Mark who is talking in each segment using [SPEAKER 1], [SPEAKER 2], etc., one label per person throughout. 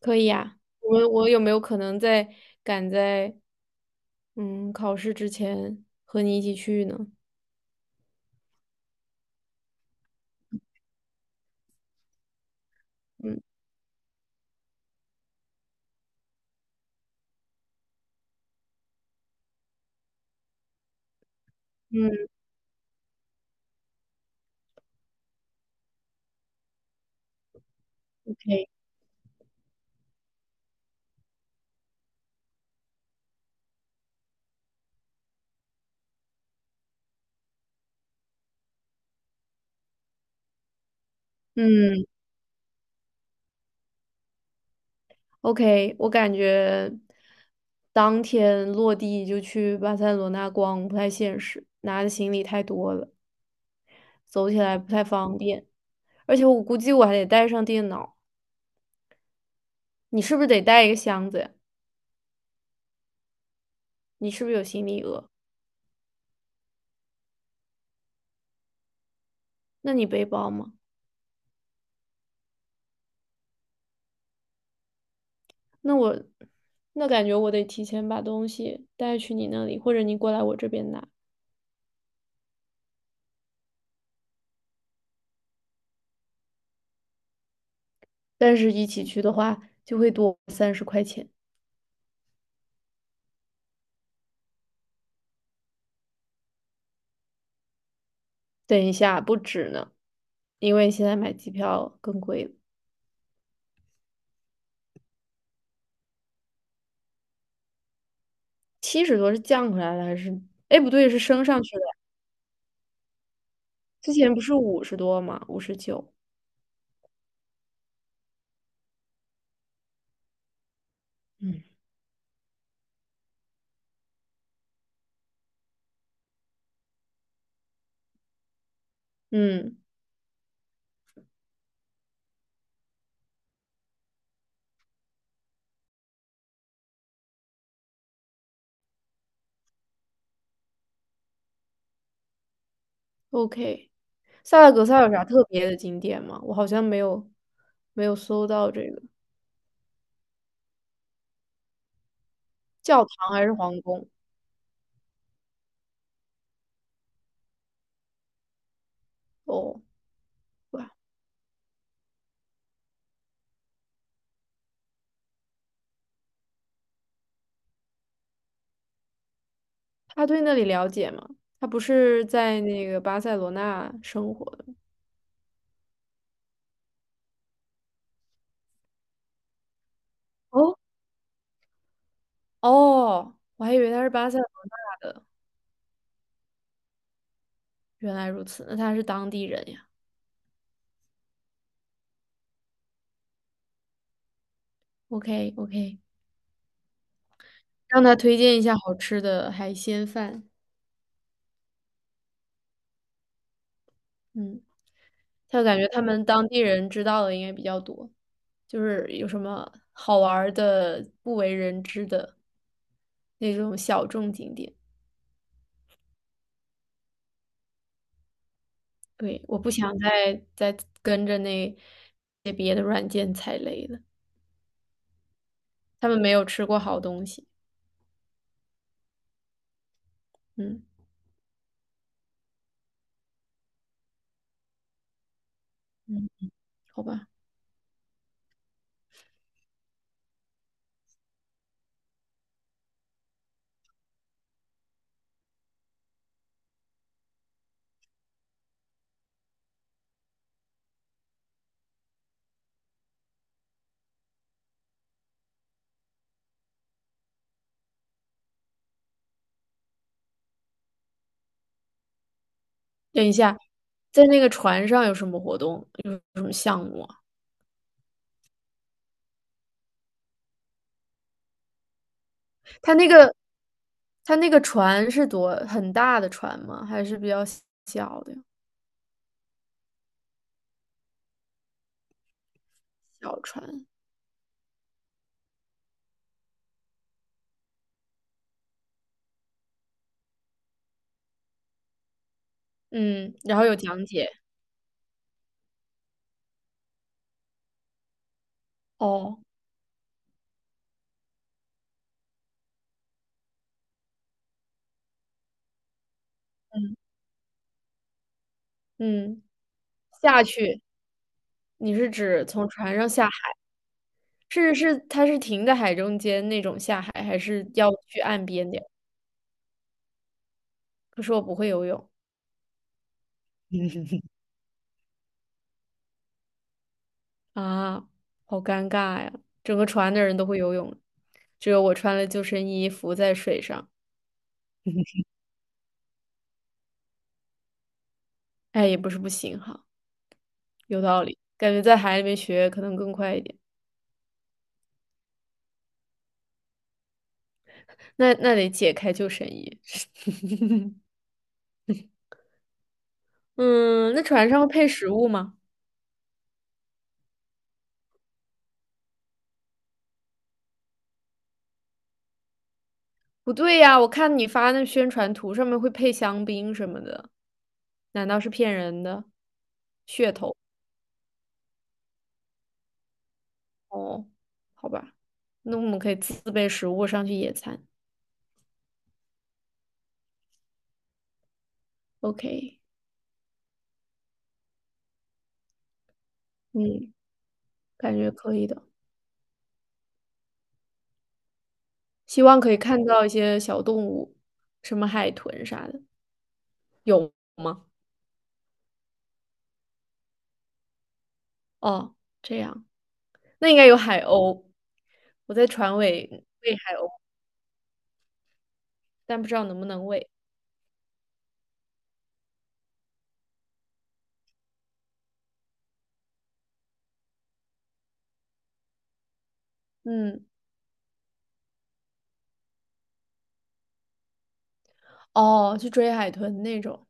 [SPEAKER 1] 可以呀、我有没有可能在赶在嗯考试之前和你一起去呢？嗯嗯，可以。嗯，OK,我感觉当天落地就去巴塞罗那逛不太现实，拿的行李太多了，走起来不太方便。而且我估计我还得带上电脑，你是不是得带一个箱子呀？你是不是有行李额？那你背包吗？那我那感觉我得提前把东西带去你那里，或者你过来我这边拿。但是一起去的话，就会多三十块钱。等一下，不止呢，因为现在买机票更贵了，七十多是降回来了还是？哎，不对，是升上去了？之前不是五十多吗？五十九。嗯，嗯，OK。萨拉戈萨有啥特别的景点吗？我好像没有搜到这个教堂还是皇宫哦。他对那里了解吗？他不是在那个巴塞罗那生活的吗？哦哦，我还以为他是巴塞罗那的，原来如此，那他是当地人呀。OK OK,让他推荐一下好吃的海鲜饭。嗯，他感觉他们当地人知道的应该比较多，就是有什么好玩儿的、不为人知的那种小众景点。对，我不想再跟着那些别的软件踩雷了。他们没有吃过好东西。嗯嗯，好吧。等一下，在那个船上有什么活动？有什么项目啊？他那个他那个船是多很大的船吗？还是比较小的小船？嗯，然后有讲解。哦，嗯嗯，下去，你是指从船上下海？是是，它是停在海中间那种下海，还是要去岸边的？可是我不会游泳。啊，好尴尬呀！整个船的人都会游泳，只有我穿了救生衣浮在水上。哎，也不是不行哈，有道理，感觉在海里面学可能更快一点。那那得解开救生衣。嗯，那船上会配食物吗？不对呀，我看你发那宣传图上面会配香槟什么的，难道是骗人的？噱头哦，好吧，那我们可以自备食物上去野餐。OK,嗯，感觉可以的。希望可以看到一些小动物，什么海豚啥的，有吗？哦，这样，那应该有海鸥。我在船尾喂海鸥，但不知道能不能喂。嗯，哦，去追海豚那种。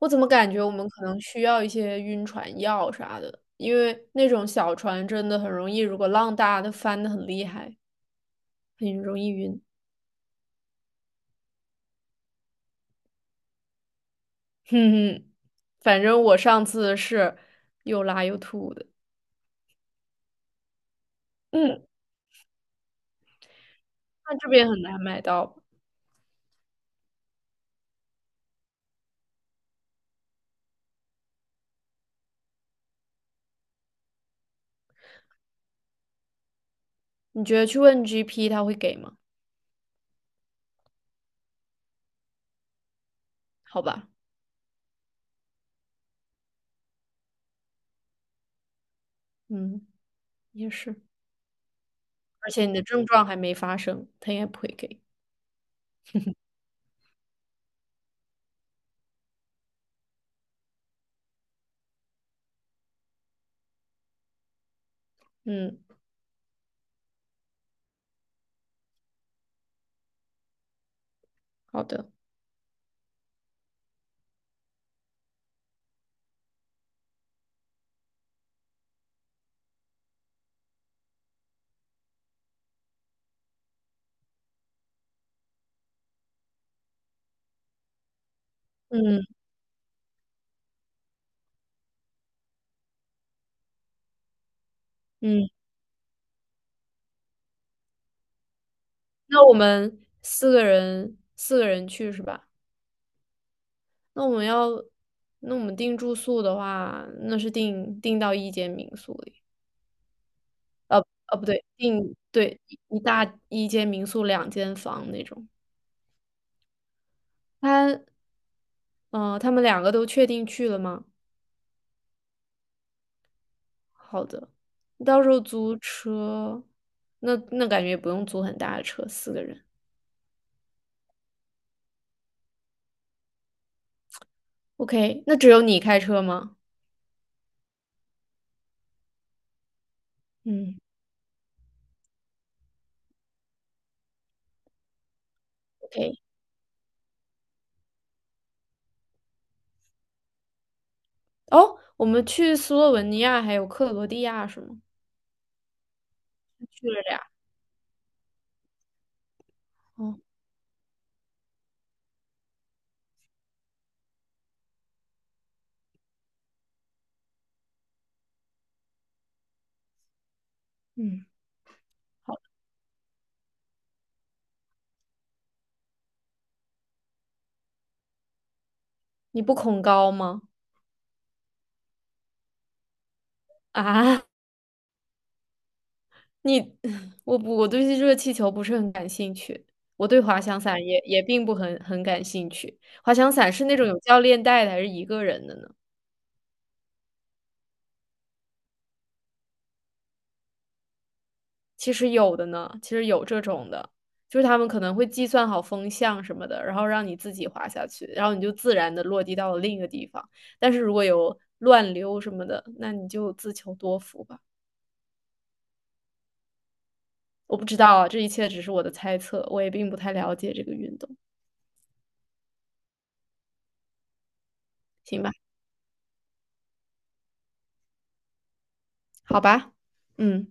[SPEAKER 1] 我怎么感觉我们可能需要一些晕船药啥的，因为那种小船真的很容易，如果浪大，它翻的很厉害，很容易晕。哼哼，反正我上次是又拉又吐的。嗯，那这边很难买到。你觉得去问 GP 他会给吗？好吧，嗯，也是，而且你的症状还没发生，他应该不会给。嗯，好的，嗯嗯，那我们四个人去是吧？那我们要，那我们订住宿的话，那是订到一间民宿里，呃呃不对，订对一大一间民宿两间房那种。他他们两个都确定去了吗？好的，你到时候租车，那感觉也不用租很大的车，四个人。OK,那只有你开车吗？嗯，OK。哦，我们去斯洛文尼亚还有克罗地亚是吗？去了俩。哦，嗯，好。你不恐高吗？啊，你，我不，我对热气球不是很感兴趣，我对滑翔伞也并不很感兴趣。滑翔伞是那种有教练带的，还是一个人的呢？其实有的呢，其实有这种的，就是他们可能会计算好风向什么的，然后让你自己滑下去，然后你就自然的落地到了另一个地方。但是如果有乱流什么的，那你就自求多福吧。我不知道啊，这一切只是我的猜测，我也并不太了解这个运动。行吧，好吧，嗯。